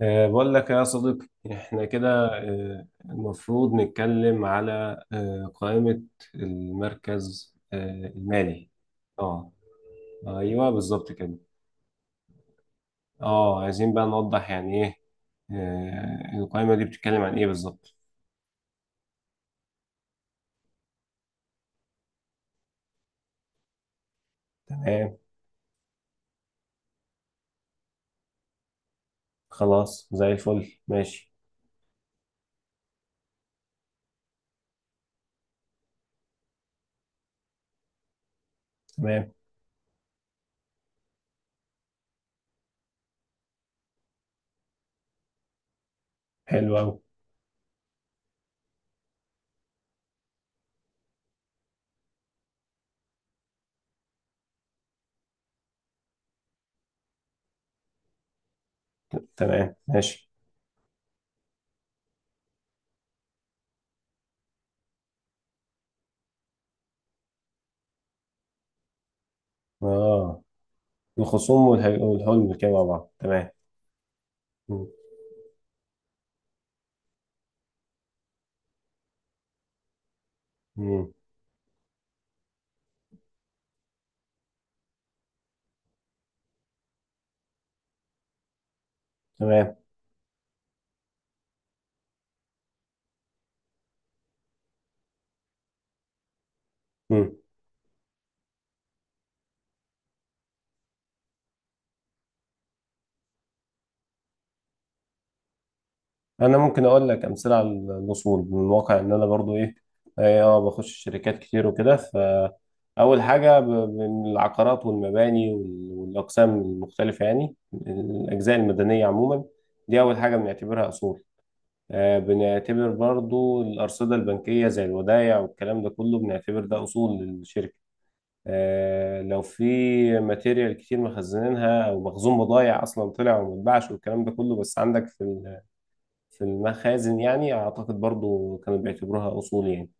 بقول لك يا صديقي احنا كده. المفروض نتكلم على قائمة المركز المالي. اه، ايوه بالظبط كده. اه، عايزين بقى نوضح يعني ايه القائمة دي بتتكلم عن ايه بالظبط. تمام، خلاص زي الفل ماشي. تمام، حلو قوي. تمام ماشي. اه، الخصوم والحلم كده مع بعض تمام. مم. مم. تمام. مم. انا ممكن اقول لك امثله على الوصول من واقع ان انا برضو ايه. اه، بخش شركات كتير وكده، فاول حاجه من العقارات والمباني والاقسام المختلفه، يعني الاجزاء المدنيه عموما. دي اول حاجه بنعتبرها اصول. بنعتبر برضو الارصده البنكيه زي الودايع والكلام ده كله، بنعتبر ده اصول للشركه. لو في ماتيريال كتير مخزنينها او مخزون بضايع اصلا طلع وما اتباعش والكلام ده كله، بس عندك في في المخازن، يعني أعتقد برضو كانوا بيعتبروها أصول يعني.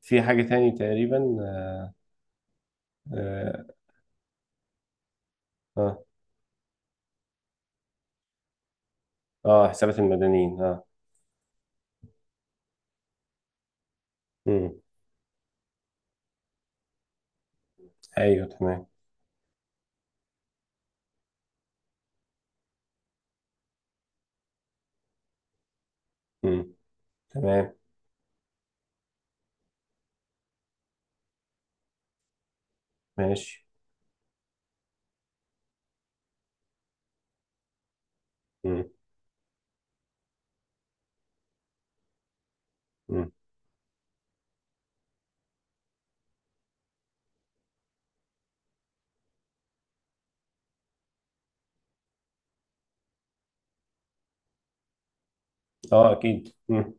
في حاجة تاني تقريبا. آه. آه, حسابات المدنيين آه. مم. أيوه تمام. مم. تمام ماشي. مم. مم. آه أكيد. مم.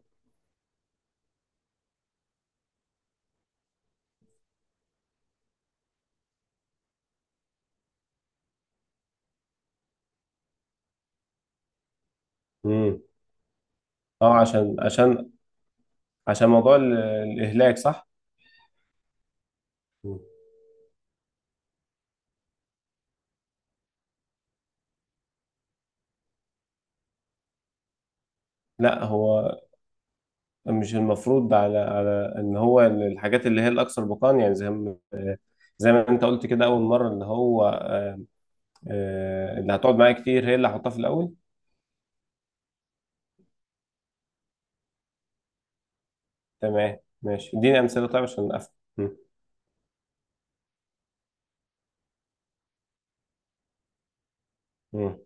مم. آه، عشان عشان عشان موضوع الإهلاك، صح؟ مم. لا، هو مش المفروض على ان هو الحاجات اللي هي الاكثر بقاء، يعني زي ما انت قلت كده اول مره، اللي هو اللي هتقعد معايا كتير هي اللي هحطها في الاول. تمام ماشي، اديني امثله طيب عشان افهم. مم. مم.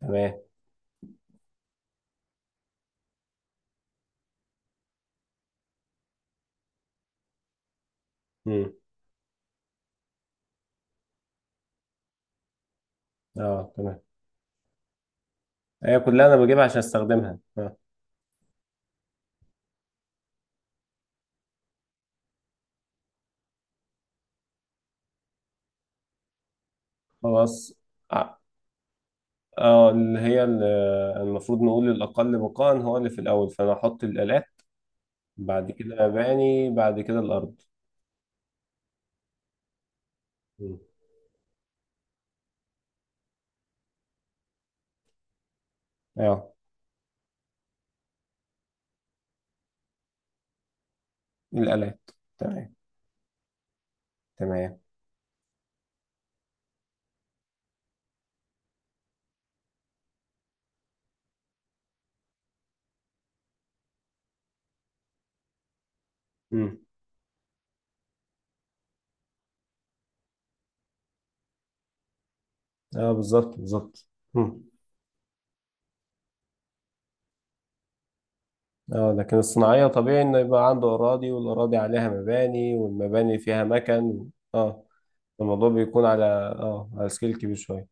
تمام. مم. اه تمام. هي كلها انا بجيبها عشان استخدمها آه. خلاص. اه. اللي هي المفروض نقول الاقل بقاء هو اللي في الاول، فانا احط الالات بعد كده مباني بعد كده الارض. مم. اه الالات. تمام. تمام. مم. اه بالظبط بالظبط. مم. اه، لكن الصناعيه طبيعي انه يبقى عنده اراضي والاراضي عليها مباني والمباني فيها مكن. اه، الموضوع بيكون على اه على سكيل كبير شوية.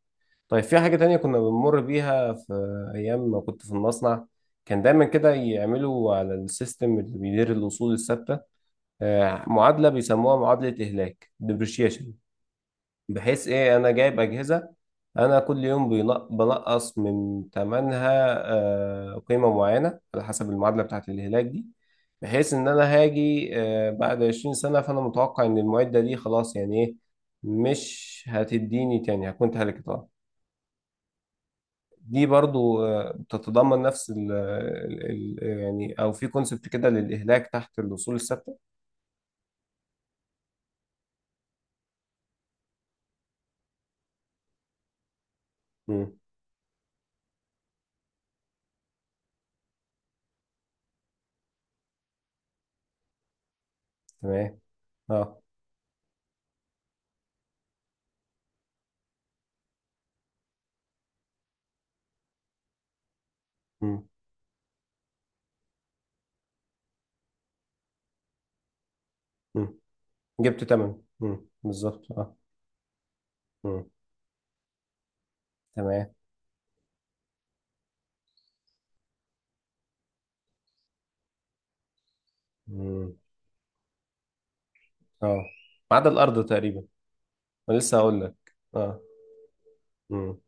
طيب، في حاجة تانية كنا بنمر بيها في أيام ما كنت في المصنع، كان دايما كده يعملوا على السيستم اللي بيدير الأصول الثابتة. معادلة بيسموها معادلة إهلاك depreciation. بحيث ايه، انا جايب اجهزه، انا كل يوم بنقص من ثمنها قيمه معينه على حسب المعادله بتاعه الهلاك دي. بحيث ان انا هاجي بعد 20 سنه فانا متوقع ان المعده دي خلاص يعني ايه، مش هتديني تاني، هكون هلكتها. دي برضو بتتضمن نفس يعني، او في كونسبت كده للاهلاك تحت الاصول الثابته. مم، تمام. اه. مم، مم. جبت تمن. بالظبط اه. مم. تمام. مم. اه ما عدا الارض تقريبا. انا لسه هقول لك. اه. مم.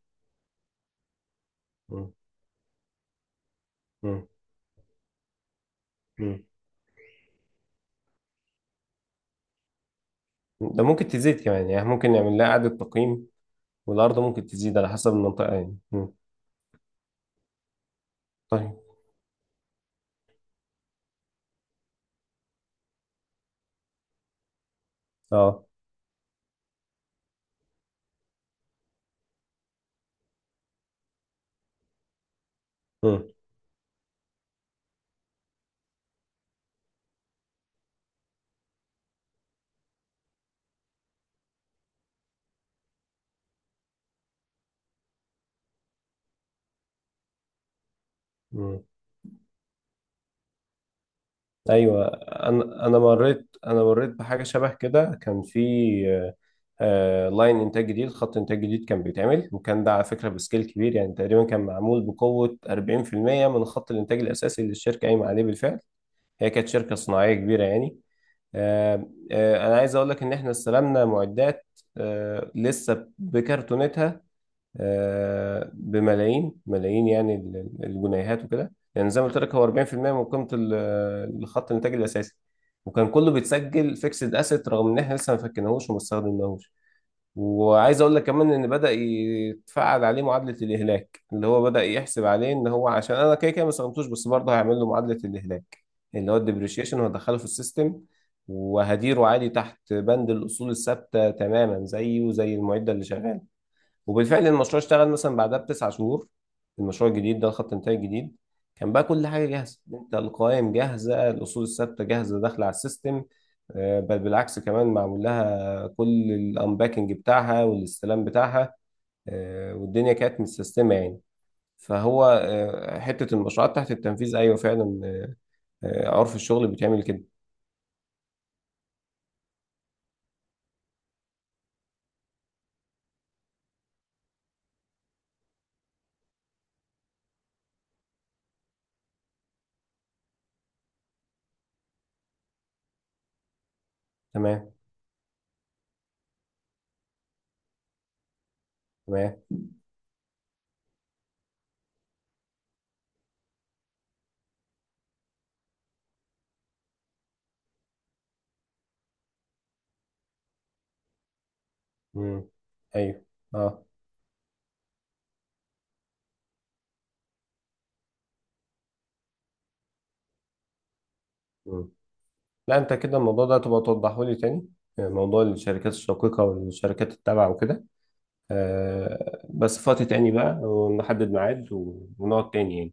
مم. مم. مم. ده ممكن تزيد كمان، يعني ممكن نعمل لها اعاده تقييم، والارض ممكن تزيد على حسب المنطقه يعني. مم. طيب. اه. مم. مم. ايوه انا مريت بحاجه شبه كده. كان في آه، لاين انتاج جديد، خط انتاج جديد كان بيتعمل، وكان ده على فكره بسكيل كبير يعني. تقريبا كان معمول بقوه 40% من خط الانتاج الاساسي اللي الشركه قايمه عليه بالفعل. هي كانت شركه صناعيه كبيره يعني. انا عايز اقول لك ان احنا استلمنا معدات لسه بكرتونتها بملايين ملايين يعني الجنيهات وكده، يعني زي ما قلت لك هو 40% من قيمه الخط الانتاج الاساسي. وكان كله بيتسجل فيكسد اسيت رغم ان احنا لسه ما فكناهوش وما استخدمناهوش. وعايز اقول لك كمان ان بدأ يتفعل عليه معادلة الاهلاك، اللي هو بدأ يحسب عليه، ان هو عشان انا كده كده ما استخدمتوش، بس برضه هيعمل له معادلة الاهلاك اللي هو الديبريشيشن، وهدخله في السيستم وهديره عادي تحت بند الاصول الثابتة تماما زيه زي المعدة اللي شغالة. وبالفعل المشروع اشتغل مثلا بعدها بتسع شهور، المشروع الجديد ده، الخط الانتاج الجديد. كان بقى كل حاجه جاهزه، انت القوائم جاهزه، الاصول الثابته جاهزه داخله على السيستم. بل بالعكس، كمان معمول لها كل الانباكنج بتاعها والاستلام بتاعها والدنيا كانت متسيستمه يعني. فهو حته المشروعات تحت التنفيذ ايوه فعلا عرف الشغل بتعمل كده. تمام تمام. مم. ايوه. اه. مم. لا، انت كده الموضوع ده تبقى توضحه لي تاني، موضوع الشركات الشقيقة والشركات التابعة وكده. بس فاتي تاني بقى ونحدد ميعاد ونقعد تاني يعني.